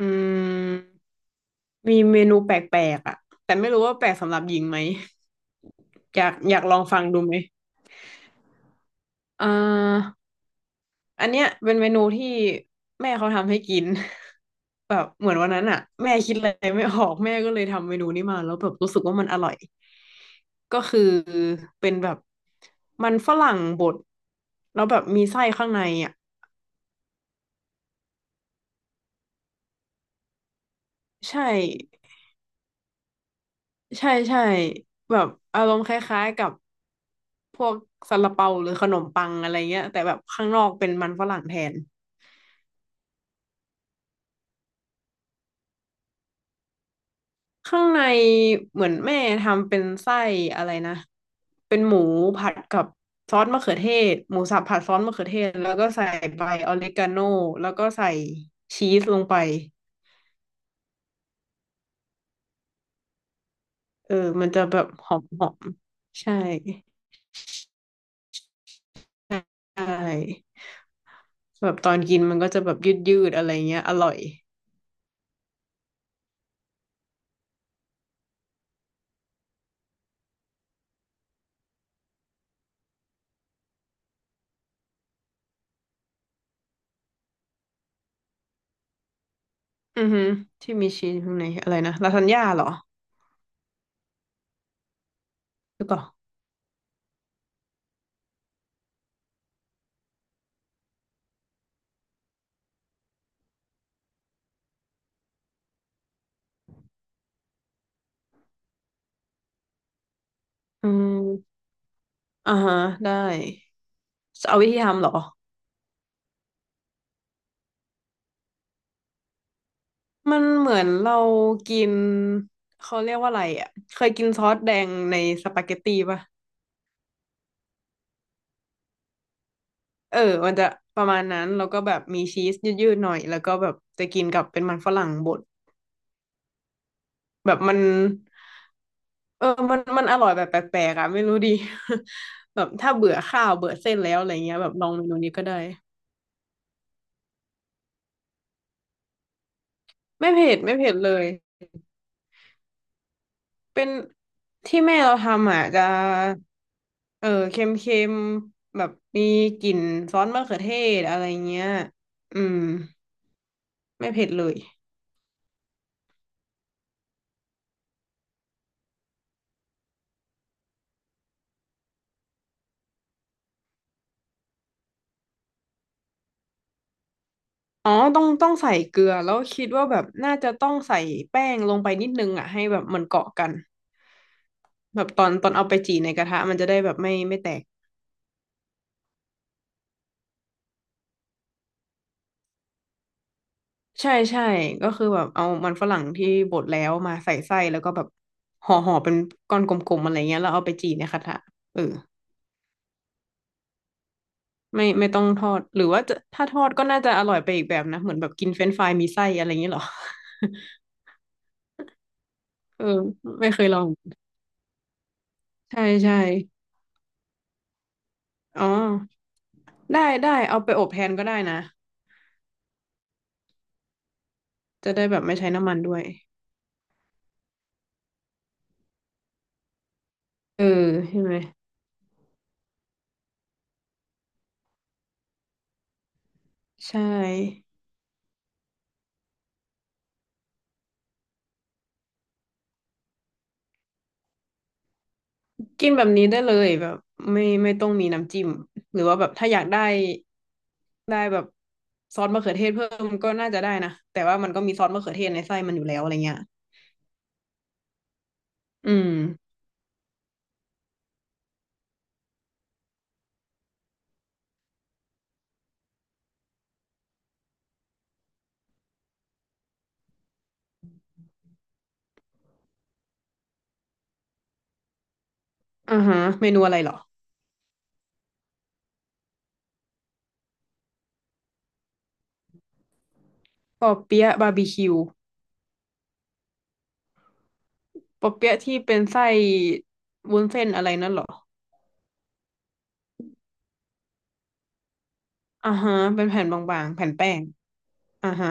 อืมมีเมนูแปลกๆอ่ะแต่ไม่รู้ว่าแปลกสำหรับหญิงไหมอยากลองฟังดูไหมอ่าอันเนี้ยเป็นเมนูที่แม่เขาทำให้กิน แบบเหมือนวันนั้นอ่ะแม่คิดอะไรไม่ออกแม่ก็เลยทำเมนูนี้มาแล้วแบบรู้สึกว่ามันอร่อยก็คือเป็นแบบมันฝรั่งบดแล้วแบบมีไส้ข้างในอ่ะใช่ใช่ใช่แบบอารมณ์คล้ายๆกับ พวกซาลาเปาหรือขนมปังอะไรเงี้ยแต่แบบข้างนอกเป็นมันฝรั่งแทนข้างในเหมือนแม่ทำเป็นไส้อะไรนะเป็นหมูผัดกับซอสมะเขือเทศหมูสับผัดซอสมะเขือเทศแล้วก็ใส่ใบออริกาโนแล้วก็ใส่ชีสลงไปเออมันจะแบบหอมหอมใช่ใช่แบบตอนกินมันก็จะแบบยืดยืดอะไรเงี้ยอร่อยอือฮึที่มีชีสข้างในอะไรนะลาซานญ่าเหรอหรือเปล่าอืม อ่าฮะได้จะเอาวิธีทำเหรอมันเหมือนเรากินเขาเรียกว่าอะไรอ่ะเคยกินซอสแดงในสปาเกตตีป่ะเออมันจะประมาณนั้นแล้วก็แบบมีชีสยืดๆหน่อยแล้วก็แบบจะกินกับเป็นมันฝรั่งบดแบบมันเออมันอร่อยแบบแปลกๆอ่ะไม่รู้ดี แบบถ้าเบื่อข้าวเบื่อเส้นแล้วอะไรเงี้ยแบบลองเมนูนี้ก็ได้ไม่เผ็ดเลย เป็นที่แม่เราทำอ่ะจะเออเค็มเค็มแบบมีกลิ่นซอสมะเขือเทศอะไรเงี้ยอืมไม่เผ็ดเลยอ๋อต้องใส่เกลือแล้วคิดว่าแบบน่าจะต้องใส่แป้งลงไปนิดนึงอ่ะให้แบบมันเกาะกันแบบตอนเอาไปจี่ในกระทะมันจะได้แบบไม่แตกใช่ใช่ก็คือแบบเอามันฝรั่งที่บดแล้วมาใส่ไส้แล้วก็แบบห่อเป็นก้อนกลมๆอะไรเงี้ยแล้วเอาไปจี่ในกระทะเออ ไม่ต้องทอดหรือว่าจะถ้าทอดก็น่าจะอร่อยไปอีกแบบนะเหมือนแบบกินเฟรนช์ฟรายมีไส้อะไรอย่างเงี้ยเหรอ เออไม่เคยลองใช่ใช่อ๋อได้ได้เอาไปอบแทนก็ได้นะจะได้แบบไม่ใช้น้ำมันด้วยเออใช่ไหมใช่กินแบบนี้ได้เลยแบบไม่ต้องมีน้ำจิ้มหรือว่าแบบถ้าอยากได้ได้แบบซอสมะเขือเทศเพิ่มก็น่าจะได้นะแต่ว่ามันก็มีซอสมะเขือเทศในไส้มันอยู่แล้วอะไรเงี้ยอืมอ่าฮะเมนูอะไรเหรอปอเปี๊ยะบาร์บีคิว ปอเปี๊ยะที่เป็นไส้วุ้นเส้นอะไรนั่นเหรออ่าฮะเป็นแผ่นบางๆแผ่นแป้งอ่าฮะ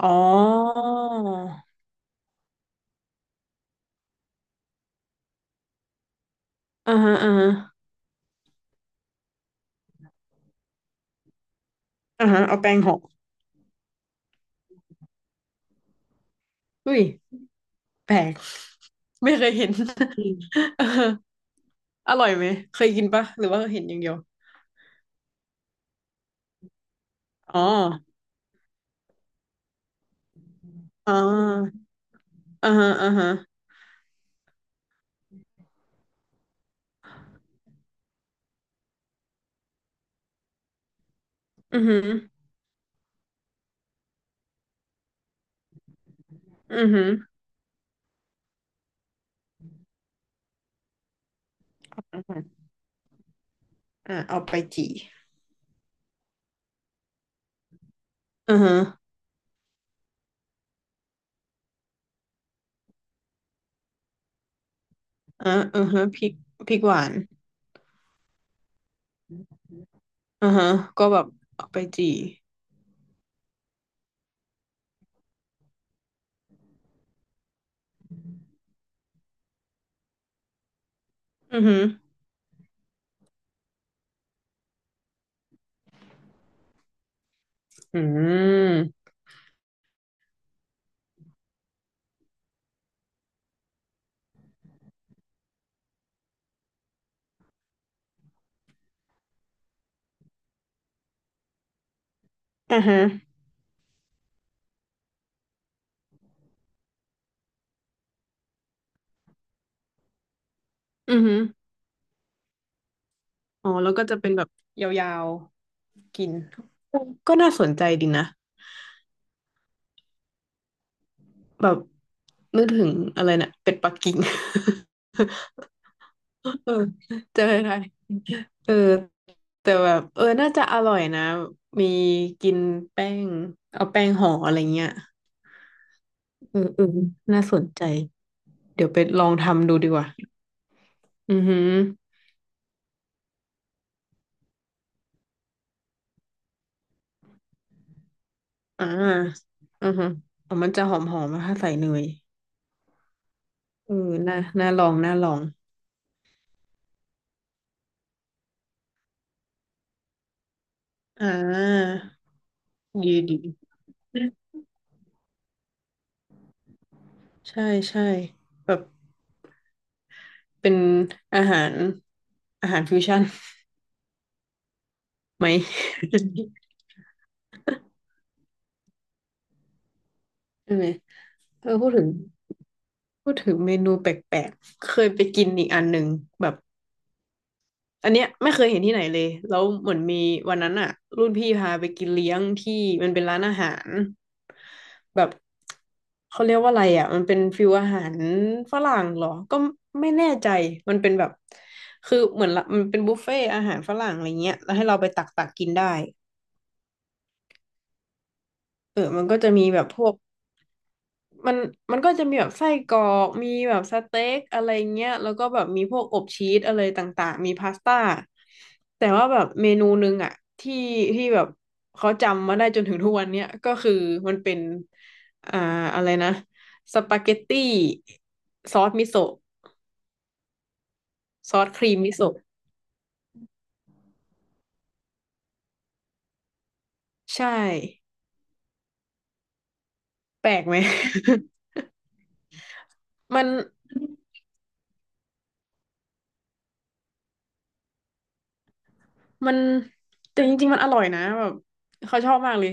อ๋ออ่าฮะอ่าฮะอ่าฮะเอาแป้งห่ออุ้ยแปลกไม่เคยเห็นอืมเอออร่อยไหมเคยกินปะหรือว่าเห็นอย่างเดียวอ๋ออ่าอ่าฮะอ่าฮะอือหืออือหืออือหืออ่าเอาไปจี่อือฮะอ่าอือฮะพริกหวานอือฮะก็แบบเอาไปจี่อือหืออืมอ่อฮะ อือหืออ๋อแล้วก็จะเป็นแบบยาวๆกิน ก็น่าสนใจดีนะแบบนึกถึงอะไรนะเป็ดปักกิ่ง เออ เจอไทยเออแต่แบบเออน่าจะอร่อยนะมีกินแป้งเอาแป้งห่ออะไรเงี้ยเออเออน่าสนใจ เดี๋ยวไปลองทำดูดีกว่าอือหืออ่าอือหืออ๋อมันจะหอมหอมถ้าใส่เนยเออน่าลองน่าลองอ่าดีดี ใช่ใช่แบบเป็นอาหารฟิวชั่นไหม ใช่ไหมเออพูดถึงเมนูแปลกๆเคยไปกินอีกอันหนึ่งแบบอันเนี้ยไม่เคยเห็นที่ไหนเลยแล้วเหมือนมีวันนั้นอะรุ่นพี่พาไปกินเลี้ยงที่มันเป็นร้านอาหารแบบเขาเรียกว่าอะไรอะมันเป็นฟิวอาหารฝรั่งเหรอก็ไม่แน่ใจมันเป็นแบบคือเหมือนละมันเป็นบุฟเฟ่อาหารฝรั่งอะไรเงี้ยแล้วให้เราไปตักกินได้ เออมันก็จะมีแบบพวกมันก็จะมีแบบไส้กรอกมีแบบสเต็กอะไรเงี้ยแล้วก็แบบมีพวกอบชีสอะไรต่างๆ มีพาสต้า แต่ว่าแบบเมนูหนึงอะที่แบบเขาจำมาได้จนถึงทุกวันเนี้ยก็คือมันเป็นอ่าอะไรนะสปาเกตตี้ซอสมิโซะซอสครีมมิโซะใช่แปลกไหม มัน มันแต่จริงๆมันอร่อยนะแบบเขาชอบมากเลย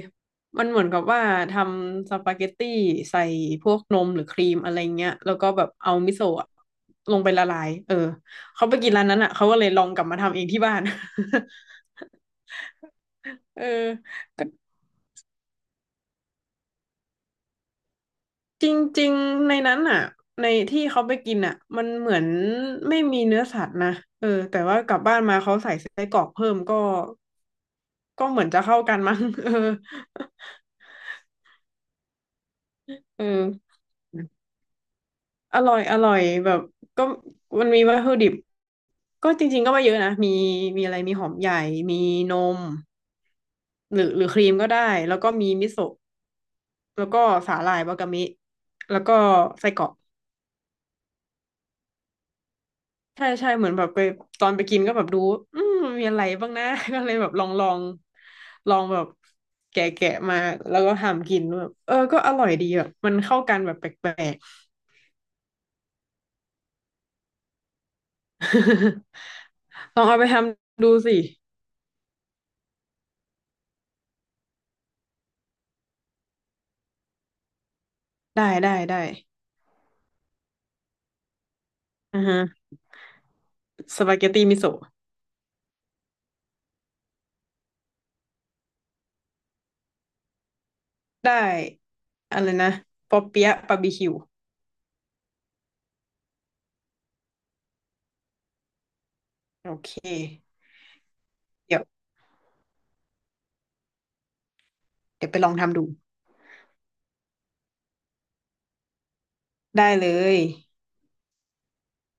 มันเหมือนกับว่าทำสปาเกตตี้ใส่พวกนมหรือครีมอะไรเงี้ยแล้วก็แบบเอามิโซะอะลงไปละลายเออเขาไปกินร้านนั้นอ่ะเขาก็เลยลองกลับมาทำเองที่บ้าน เออก็จริงๆในนั้นอ่ะในที่เขาไปกินอ่ะมันเหมือนไม่มีเนื้อสัตว์นะเออแต่ว่ากลับบ้านมาเขาใส่ไส้กรอกเพิ่มก็เหมือนจะเข้ากันมั้ง เออเออ อร่อยอร่อยแบบก็มันมีวัตถุดิบก็จริงๆก็ไม่เยอะนะมีอะไรมีหอมใหญ่มีนมหรือครีมก็ได้แล้วก็มีมิโซะแล้วก็สาหร่ายวากามิแล้วก็ไส้กรอกใช่ใช่เหมือนแบบไปตอนไปกินก็แบบดูอืมมีอะไรบ้างนะ ก็เลยแบบลองลองลองแบบแกะมาแล้วก็ทำกินแบบเออก็อร่อยดีแบบมันเข้ากันแบบแปลกๆ ลองเอาไปทำดูสิได้ได้ได้อือฮะ สปาเกตตีมิโซะได้อะไรนะปอเปี๊ยะบาร์บีคิวโอเคเดี๋ยวไปลองทำดูได้เลย